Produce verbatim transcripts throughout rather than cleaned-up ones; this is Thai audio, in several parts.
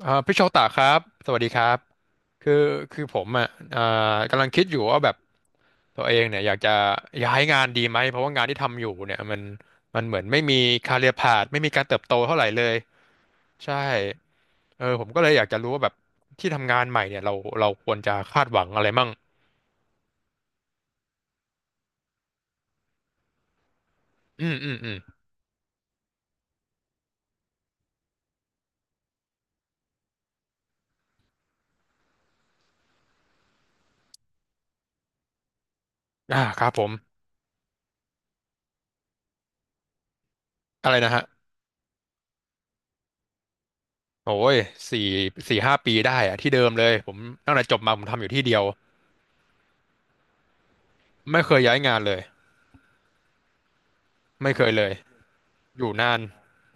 เอ่อพี่โชตะครับสวัสดีครับคือคือผมอ่ะเอ่อกำลังคิดอยู่ว่าแบบตัวเองเนี่ยอยากจะย้ายงานดีไหมเพราะว่างานที่ทำอยู่เนี่ยมันมันเหมือนไม่มีคาเรียพาธไม่มีการเติบโตเท่าไหร่เลยใช่เออผมก็เลยอยากจะรู้ว่าแบบที่ทำงานใหม่เนี่ยเราเราควรจะคาดหวังอะไรมั่งอืมอืมอืมอ่าครับผมอะไรนะฮะโอ้ยสี่สี่ห้าปีได้อะที่เดิมเลยผมตั้งแต่จบมาผมทำอยู่ที่เดียวไม่เคยย้ายงานเลยไม่เคยเลยอยู่นาน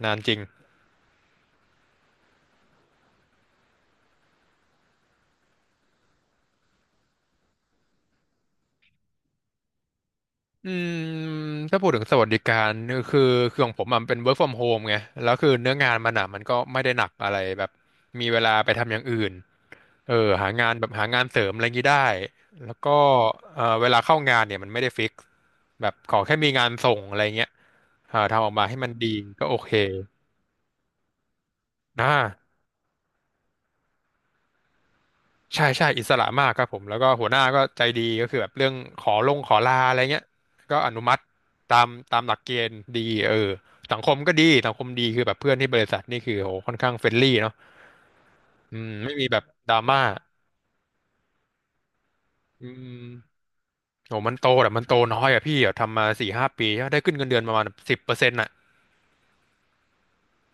นานจริง อืมถ้าพูดถึงสวัสดิการคือคือของผมอะมันเป็น work from home ไงแล้วคือเนื้องานมันอ่ะมันก็ไม่ได้หนักอะไรแบบมีเวลาไปทำอย่างอื่นเออหางานแบบหางานเสริมอะไรงี้ได้แล้วก็เออเวลาเข้างานเนี่ยมันไม่ได้ฟิกแบบขอแค่มีงานส่งอะไรเงี้ยอ่าทำออกมาให้มันดีก็โอเคนะ ใช่ใช่อิสระมากครับผมแล้วก็หัวหน้าก็ใจดีก็คือแบบเรื่องขอลงขอลาอะไรเงี้ยก็อนุมัติตามตามหลักเกณฑ์ดีเออสังคมก็ดีสังคมดีคือแบบเพื่อนที่บริษัทนี่คือโหค่อนข้างเฟรนลี่เนาะอืมไม่มีแบบดราม่าอืมโหมันโตแต่มันโตน้อยอะพี่อะทำมาสี่ห้าปีได้ขึ้นเงินเดือนประมาณสิบเปอร์เซ็นต์อะ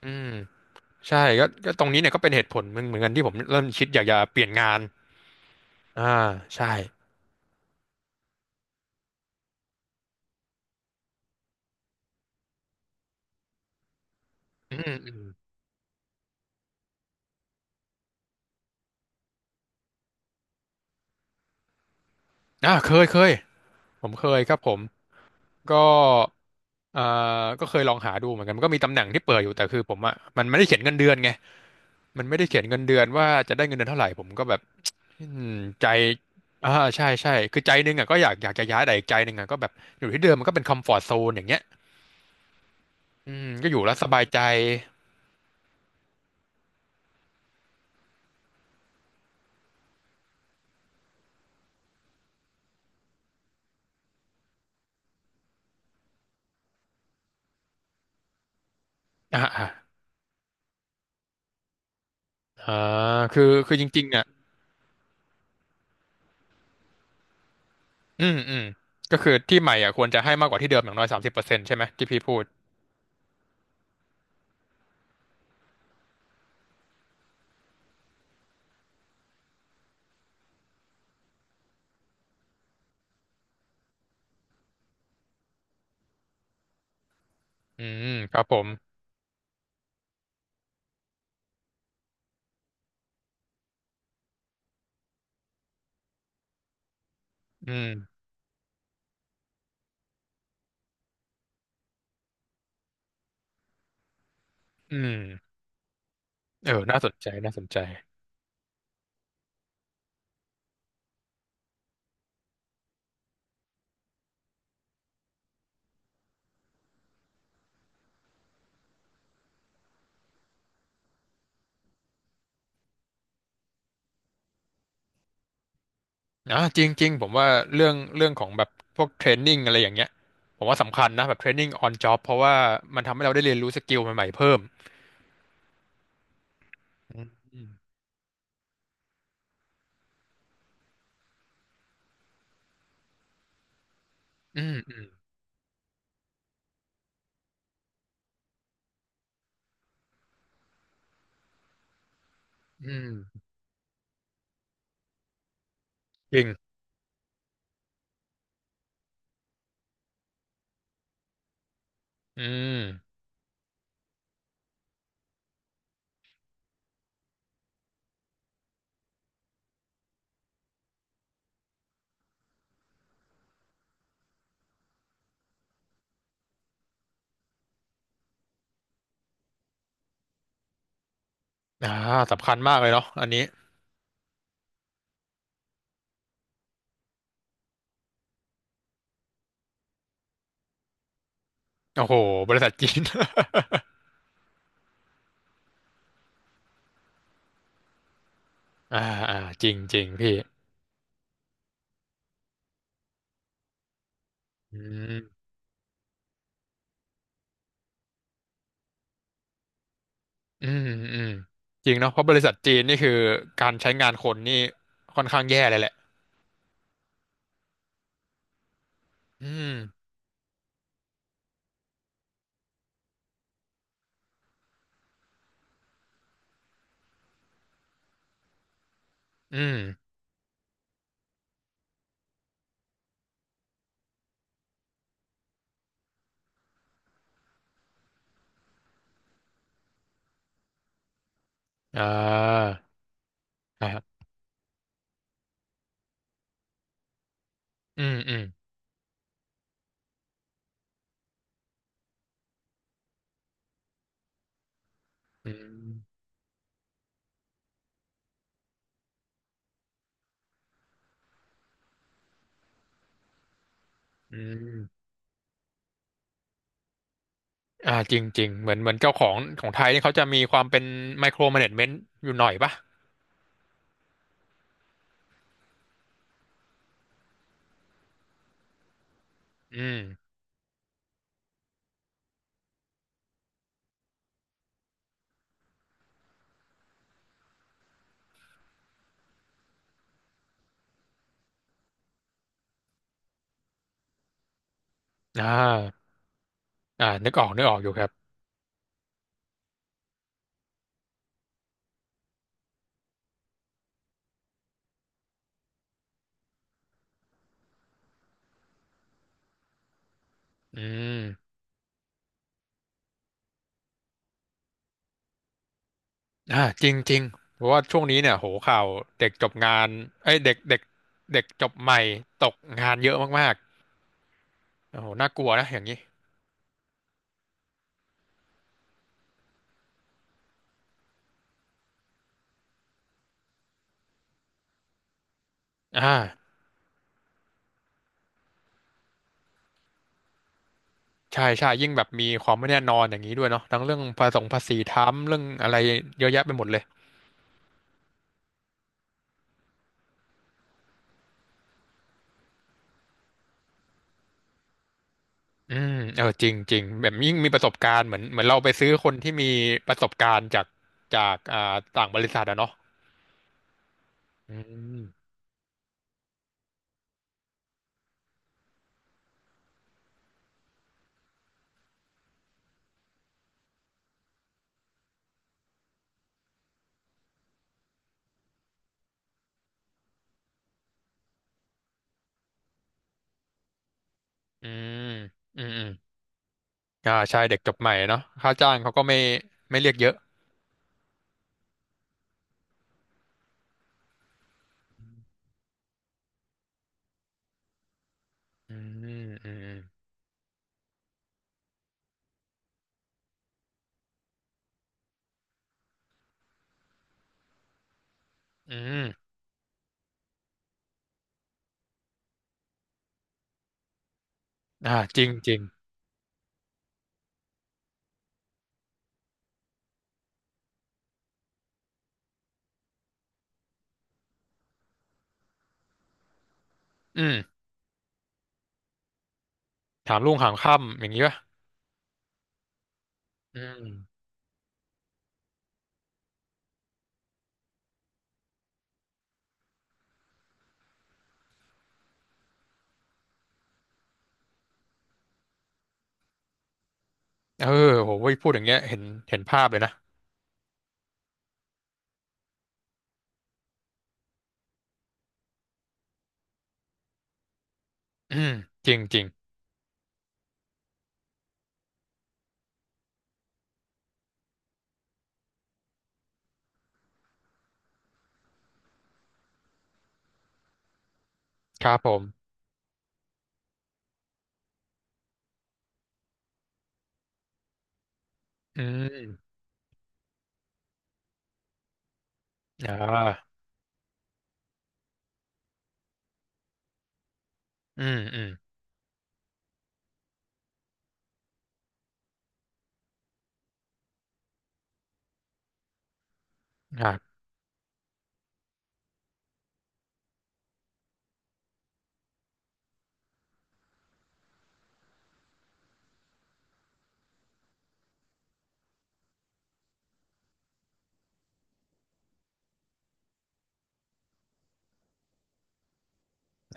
อืมใช่ก็ก็ตรงนี้เนี่ยก็เป็นเหตุผลหนึ่งเหมือนกันที่ผมเริ่มคิดอยากจะเปลี่ยนงานอ่าใช่อืมอืมอ่าเคยเคยผมเคยครับผม ก็เอ่อก็เคยลองหาดูเหมือนกันมันก็มีตำแหน่งที่เปิดอยู่แต่คือผมอ่ะมันไม่ได้เขียนเงินเดือนไงมันไม่ได้เขียนเงินเดือนว่าจะได้เงินเดือนเท่าไหร่ผมก็แบบอืมใจอ่าใช่ใช่คือใจหนึงอ่ะก็อยากอยากจะย้ายแต่อีกใจหนึงอ่ะก็แบบอยู่ที่เดิมมันก็เป็นคอมฟอร์ z โซนอย่างเงี้ยอืมก็อยู่แล้วสบายใจอ่าอ่าอ่าคือคือจริงๆอ่ะอืมอืมก็คือที่ใหม่อ่ะควรจะให้มากกว่าที่เดิมอย่างน้อยสามสิบเปอร์เซ็นต์ใช่ไหมที่พี่พูดอืมครับผมอืมอืมเออน่าสนใจน่าสนใจ อ่ะจริงจริงผมว่าเรื่องเรื่องของแบบพวกเทรนนิ่งอะไรอย่างเงี้ยผมว่าสำคัญนะแบบเทรนนิ่งออนจ็อบเพราะว่ามันทำให้เราได้เรียนรู้สกิลใหม่ๆเพิ่มมอืมอืมอืมจริงอืมอ่าสำคัญมากเลยเนาะอันนี้โอ้โหบริษัทจีน อ่าอ่าจริงจริงพี่อืมอืมอืมจริงเนาะเพราะบริษัทจีนนี่คือการใช้งานคนนี่ค่อนข้างแย่เลยแหละอืมอืมอ่าอ่าอืมอืมอืมอืม อ่าจริงจริงเหมือนเหมือนเจ้าของของไทยนี่เขาจะมีความเป็นไมโคร m ม n a g เมนต์อยู่หน่อยป่ะอืมอ่าอ่านึกออกนึกออกอยู่ครับอืมอ่าจริงจริงเพราะว่าช่วงนี้เนี่ยโหข่าวเด็กจบงานเอ้ยเด็กเด็กเด็กจบใหม่ตกงานเยอะมากๆโอ้โหน่ากลัวนะอย่างนี้อ่าใช่ใช่ยิ่งแบบมีความไม่แน่นอนอย่างนี้ด้วยเนาะทั้งเรื่องภาษีภาษีทำเรื่องอะไรเยอะแยะไปหมดเลย อืมเออจริงจริงแบบยิ่งมีประสบการณ์เหมือนเหมือนเราไปซื้อคนที่มีประสบการณ์จากจากอ่าต่างบริษัทอะเนาะอืมอืมอืมอืมอ่าใช่เด็กจบใหม่เนาะค่าจ้างเขาก็ไม่ไม่เรียกเยอะอืมอืมอืมอืมอ่าจริงจริงอืมถามลุงหางค่ำอย่างนี้ป่ะอืมเออโหเว้ยพูดอย่างเงี้ยเห็นเห็นภาพเลยนะอืมจริงจริงครับผมอืมอ่าอืมอืมอ่า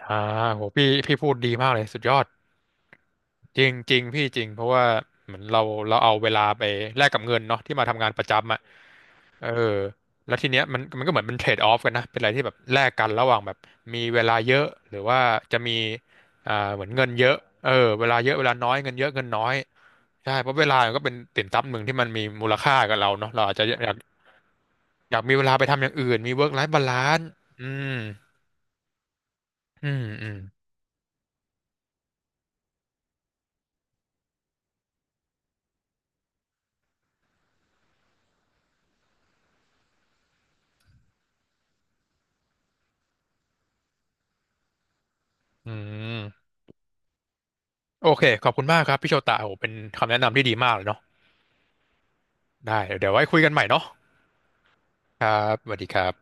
อ่าโหพี่พี่พูดดีมากเลยสุดยอด จริงจริงพี่จริงเพราะว่าเหมือนเราเราเอาเวลาไปแลกกับเงินเนาะที่มาทำงานประจำอ่ะเออแล้วทีเนี้ยมันมันก็เหมือนเป็นเทรดออฟกันนะเป็นอะไรที่แบบแลกกันระหว่างแบบมีเวลาเยอะหรือว่าจะมีอ่าเหมือนเงินเยอะเออเวลาเยอะเวลาน้อยเงินเยอะเงินน้อยใช่เพราะเวลามันก็เป็นสินทรัพย์หนึ่งที่มันมีมูลค่ากับเราเนาะเราอาจจะอยากอยากมีเวลาไปทำอย่างอื่นมีเวิร์กไลฟ์บาลานซ์อืมอืมอืมอืมโอเคขอบคุณมากครับพี่โชตะโอ้โหเป็นคำแนะนำที่ดีมากเลยเนาะได้เดี๋ยวไว้คุยกันใหม่เนาะ ครับสวัสดีครับ